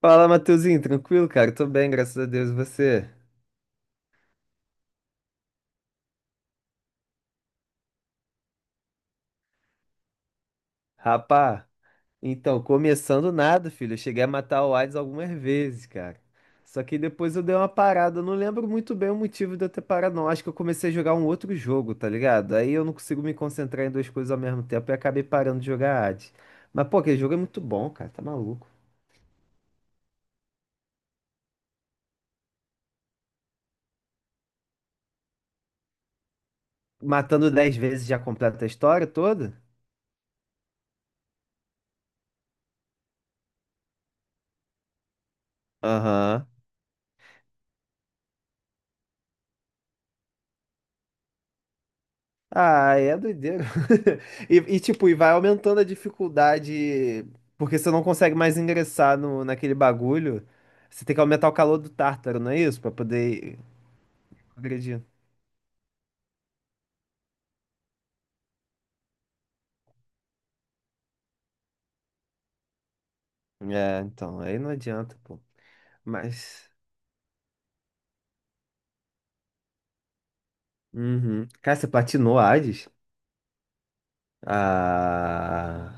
Fala, Matheusinho, tranquilo, cara? Tô bem, graças a Deus, e você? Rapá, então, começando nada, filho. Eu cheguei a matar o Hades algumas vezes, cara. Só que depois eu dei uma parada. Eu não lembro muito bem o motivo de eu ter parado, não. Acho que eu comecei a jogar um outro jogo, tá ligado? Aí eu não consigo me concentrar em duas coisas ao mesmo tempo e acabei parando de jogar Hades. Mas, pô, aquele jogo é muito bom, cara, tá maluco. Matando 10 vezes já completa a história toda? Aham. Ah, é doideira. E, tipo, e vai aumentando a dificuldade, porque você não consegue mais ingressar no, naquele bagulho. Você tem que aumentar o calor do Tártaro, não é isso? Pra poder agredir. É, então, aí não adianta, pô. Mas. Uhum. Cara, você platinou Hades? Ah.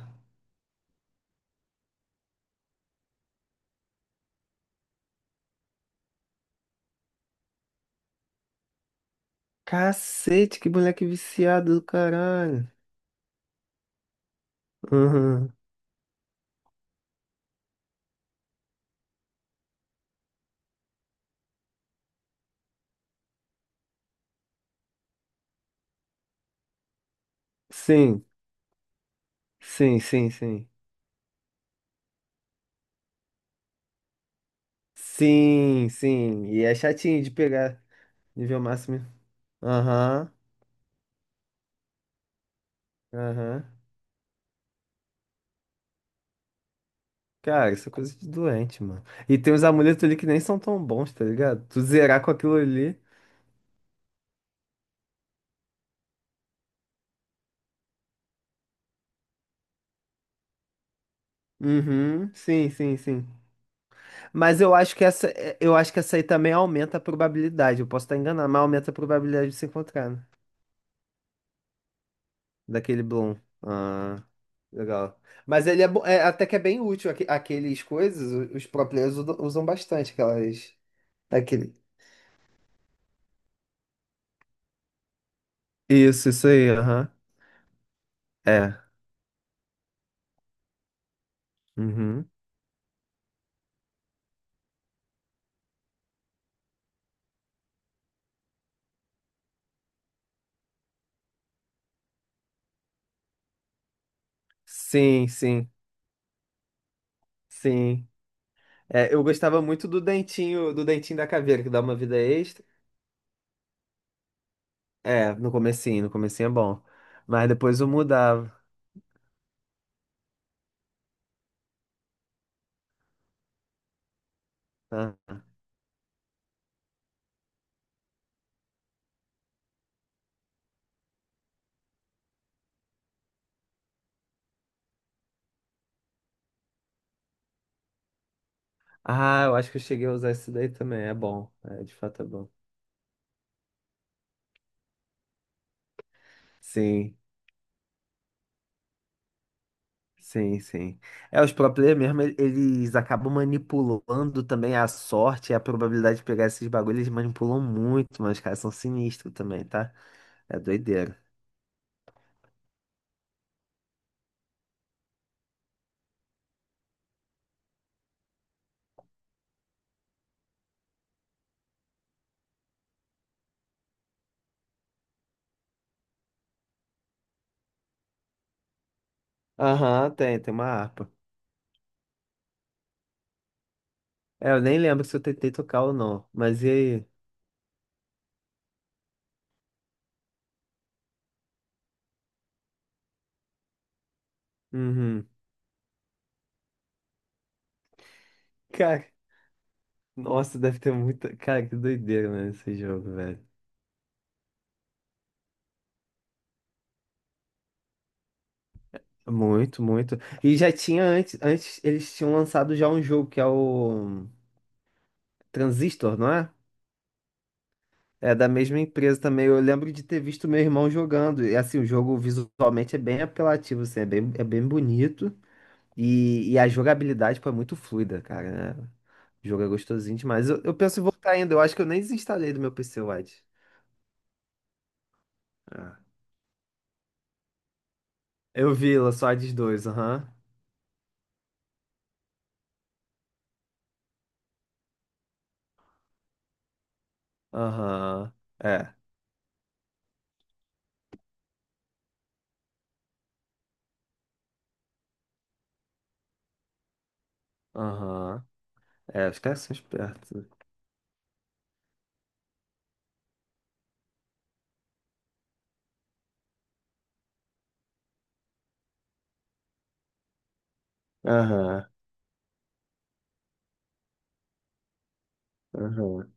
Cacete, que moleque viciado do caralho. Uhum. Sim, sim, sim, sim. Sim, sim. E é chatinho de pegar nível máximo. Aham, aham. Cara, isso é coisa de doente, mano. E tem uns amuletos ali que nem são tão bons, tá ligado? Tu zerar com aquilo ali. Uhum, sim, sim, sim. Mas eu acho que essa aí também aumenta a probabilidade. Eu posso estar enganado, mas aumenta a probabilidade de se encontrar, né? Daquele Bloom. Ah, legal. Mas ele é até que é bem útil. Aqueles coisas, os pro players usam bastante aquelas. Aquele. Isso aí, aham. É. Uhum. Sim, sim, sim. É, eu gostava muito do dentinho da caveira, que dá uma vida extra. É, no comecinho, no comecinho é bom. Mas depois eu mudava. Tá? Ah, eu acho que eu cheguei a usar isso daí também. É bom. É, de fato é bom. Sim, sim, sim. É, os pro player mesmo, eles acabam manipulando também a sorte e a probabilidade de pegar esses bagulhos, eles manipulam muito, mas os caras são sinistros também, tá? É doideira. Aham, tem uma harpa. É, eu nem lembro se eu tentei tocar ou não. Mas e aí? Uhum. Cara. Nossa, deve ter muita. Cara, que doideira, né, esse jogo, velho. Muito, muito. E já tinha antes, antes eles tinham lançado já um jogo que é o Transistor, não é? É da mesma empresa também. Eu lembro de ter visto meu irmão jogando. E assim, o jogo visualmente é bem apelativo, assim, é bem bonito. E a jogabilidade, pô, é muito fluida, cara, né? O jogo é gostosinho demais. Eu penso em voltar ainda. Eu acho que eu nem desinstalei do meu PC, Wide. Ah. Eu vi, lançou a Hades 2, aham. Aham. É. Aham. É, os caras são espertos. Aham. Aham.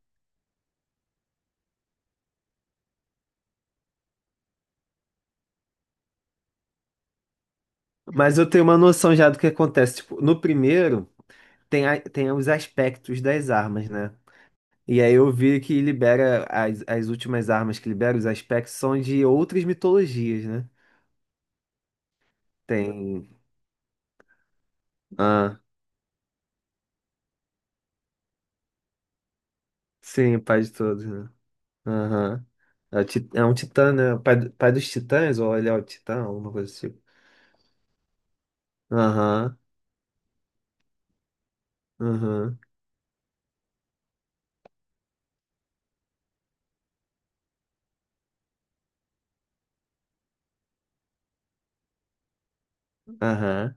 Mas eu tenho uma noção já do que acontece. Tipo, no primeiro, tem os aspectos das armas, né? E aí eu vi que libera as últimas armas que libera, os aspectos são de outras mitologias, né? Tem. Ah, sim, o pai de todos, né? Aham. É, é um titã, né? O pai, pai dos titãs, ou ele é o titã, alguma coisa assim. Aham. Aham. Aham.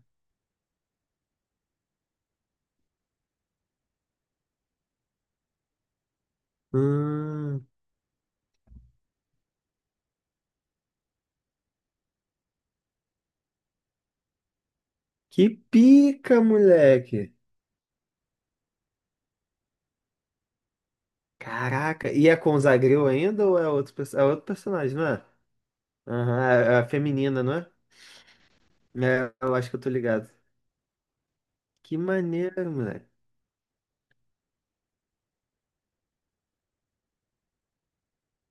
Hum. Que pica, moleque! Caraca, e é com o Zagreu ainda ou é outro personagem, não é? Aham, é a feminina, não é? É, eu acho que eu tô ligado. Que maneiro, moleque.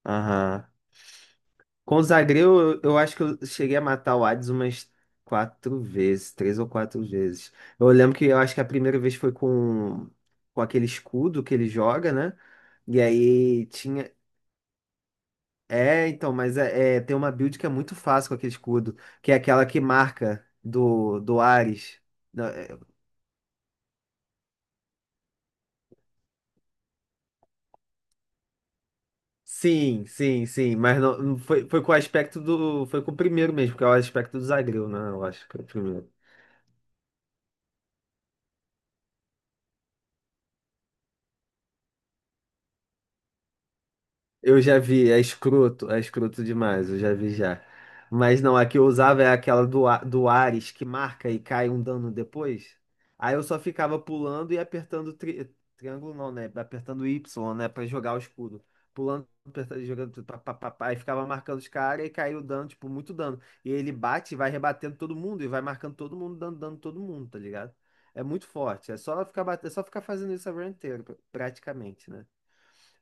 Aham. Com o Zagreu, eu acho que eu cheguei a matar o Hades umas quatro vezes, três ou quatro vezes. Eu lembro que eu acho que a primeira vez foi com aquele escudo que ele joga, né? E aí tinha. É, então, mas tem uma build que é muito fácil com aquele escudo, que é aquela que marca do Ares. Não. Sim, sim, sim, mas não, não foi, foi com o aspecto do. Foi com o primeiro mesmo, que é o aspecto do Zagreu, né? Eu acho que é o primeiro. Eu já vi, é escroto demais, eu já vi já. Mas não, a que eu usava é aquela do Ares que marca e cai um dano depois. Aí eu só ficava pulando e apertando triângulo, não, né? Apertando Y, né? Pra jogar o escudo. Pulando, apertando, jogando, tudo, pá, pá, pá, pá, e ficava marcando os caras e caiu dano, tipo, muito dano. E ele bate e vai rebatendo todo mundo e vai marcando todo mundo, dando dano todo mundo, tá ligado? É muito forte. É só ficar fazendo isso a run inteira, praticamente, né?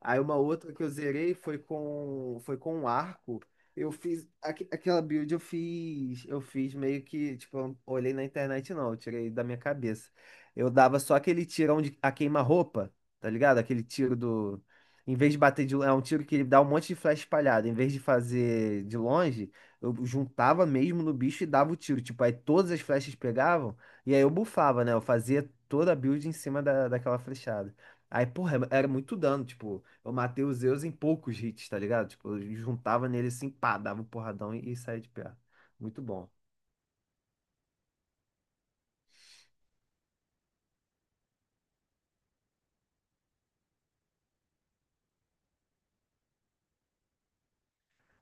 Aí uma outra que eu zerei foi com um arco. Eu fiz aquela build eu fiz meio que, tipo, eu não olhei na internet não, eu tirei da minha cabeça. Eu dava só aquele tirão de a queima-roupa, tá ligado? Aquele tiro do em vez de bater de é um tiro que ele dá um monte de flecha espalhada, em vez de fazer de longe, eu juntava mesmo no bicho e dava o tiro, tipo, aí todas as flechas pegavam e aí eu bufava, né? Eu fazia toda a build em cima daquela flechada. Aí, porra, era muito dano, tipo, eu matei o Zeus em poucos hits, tá ligado? Tipo, eu juntava nele assim, pá, dava um porradão e saía de perto. Muito bom.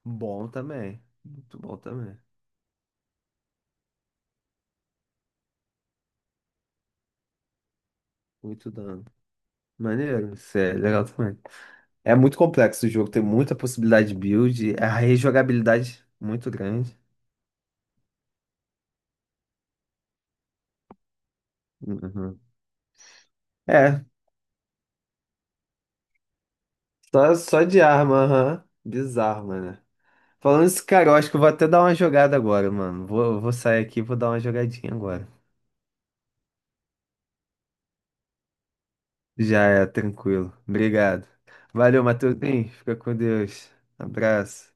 Bom também. Muito bom também. Muito dano. Maneiro, isso é legal também. É muito complexo o jogo, tem muita possibilidade de build, é a rejogabilidade muito grande. Uhum. É, só de arma, aham. Bizarro, mano. Falando isso, cara, eu acho que eu vou até dar uma jogada agora, mano. Vou sair aqui e vou dar uma jogadinha agora. Já é, tranquilo. Obrigado. Valeu, Matheusinho. Fica com Deus. Abraço.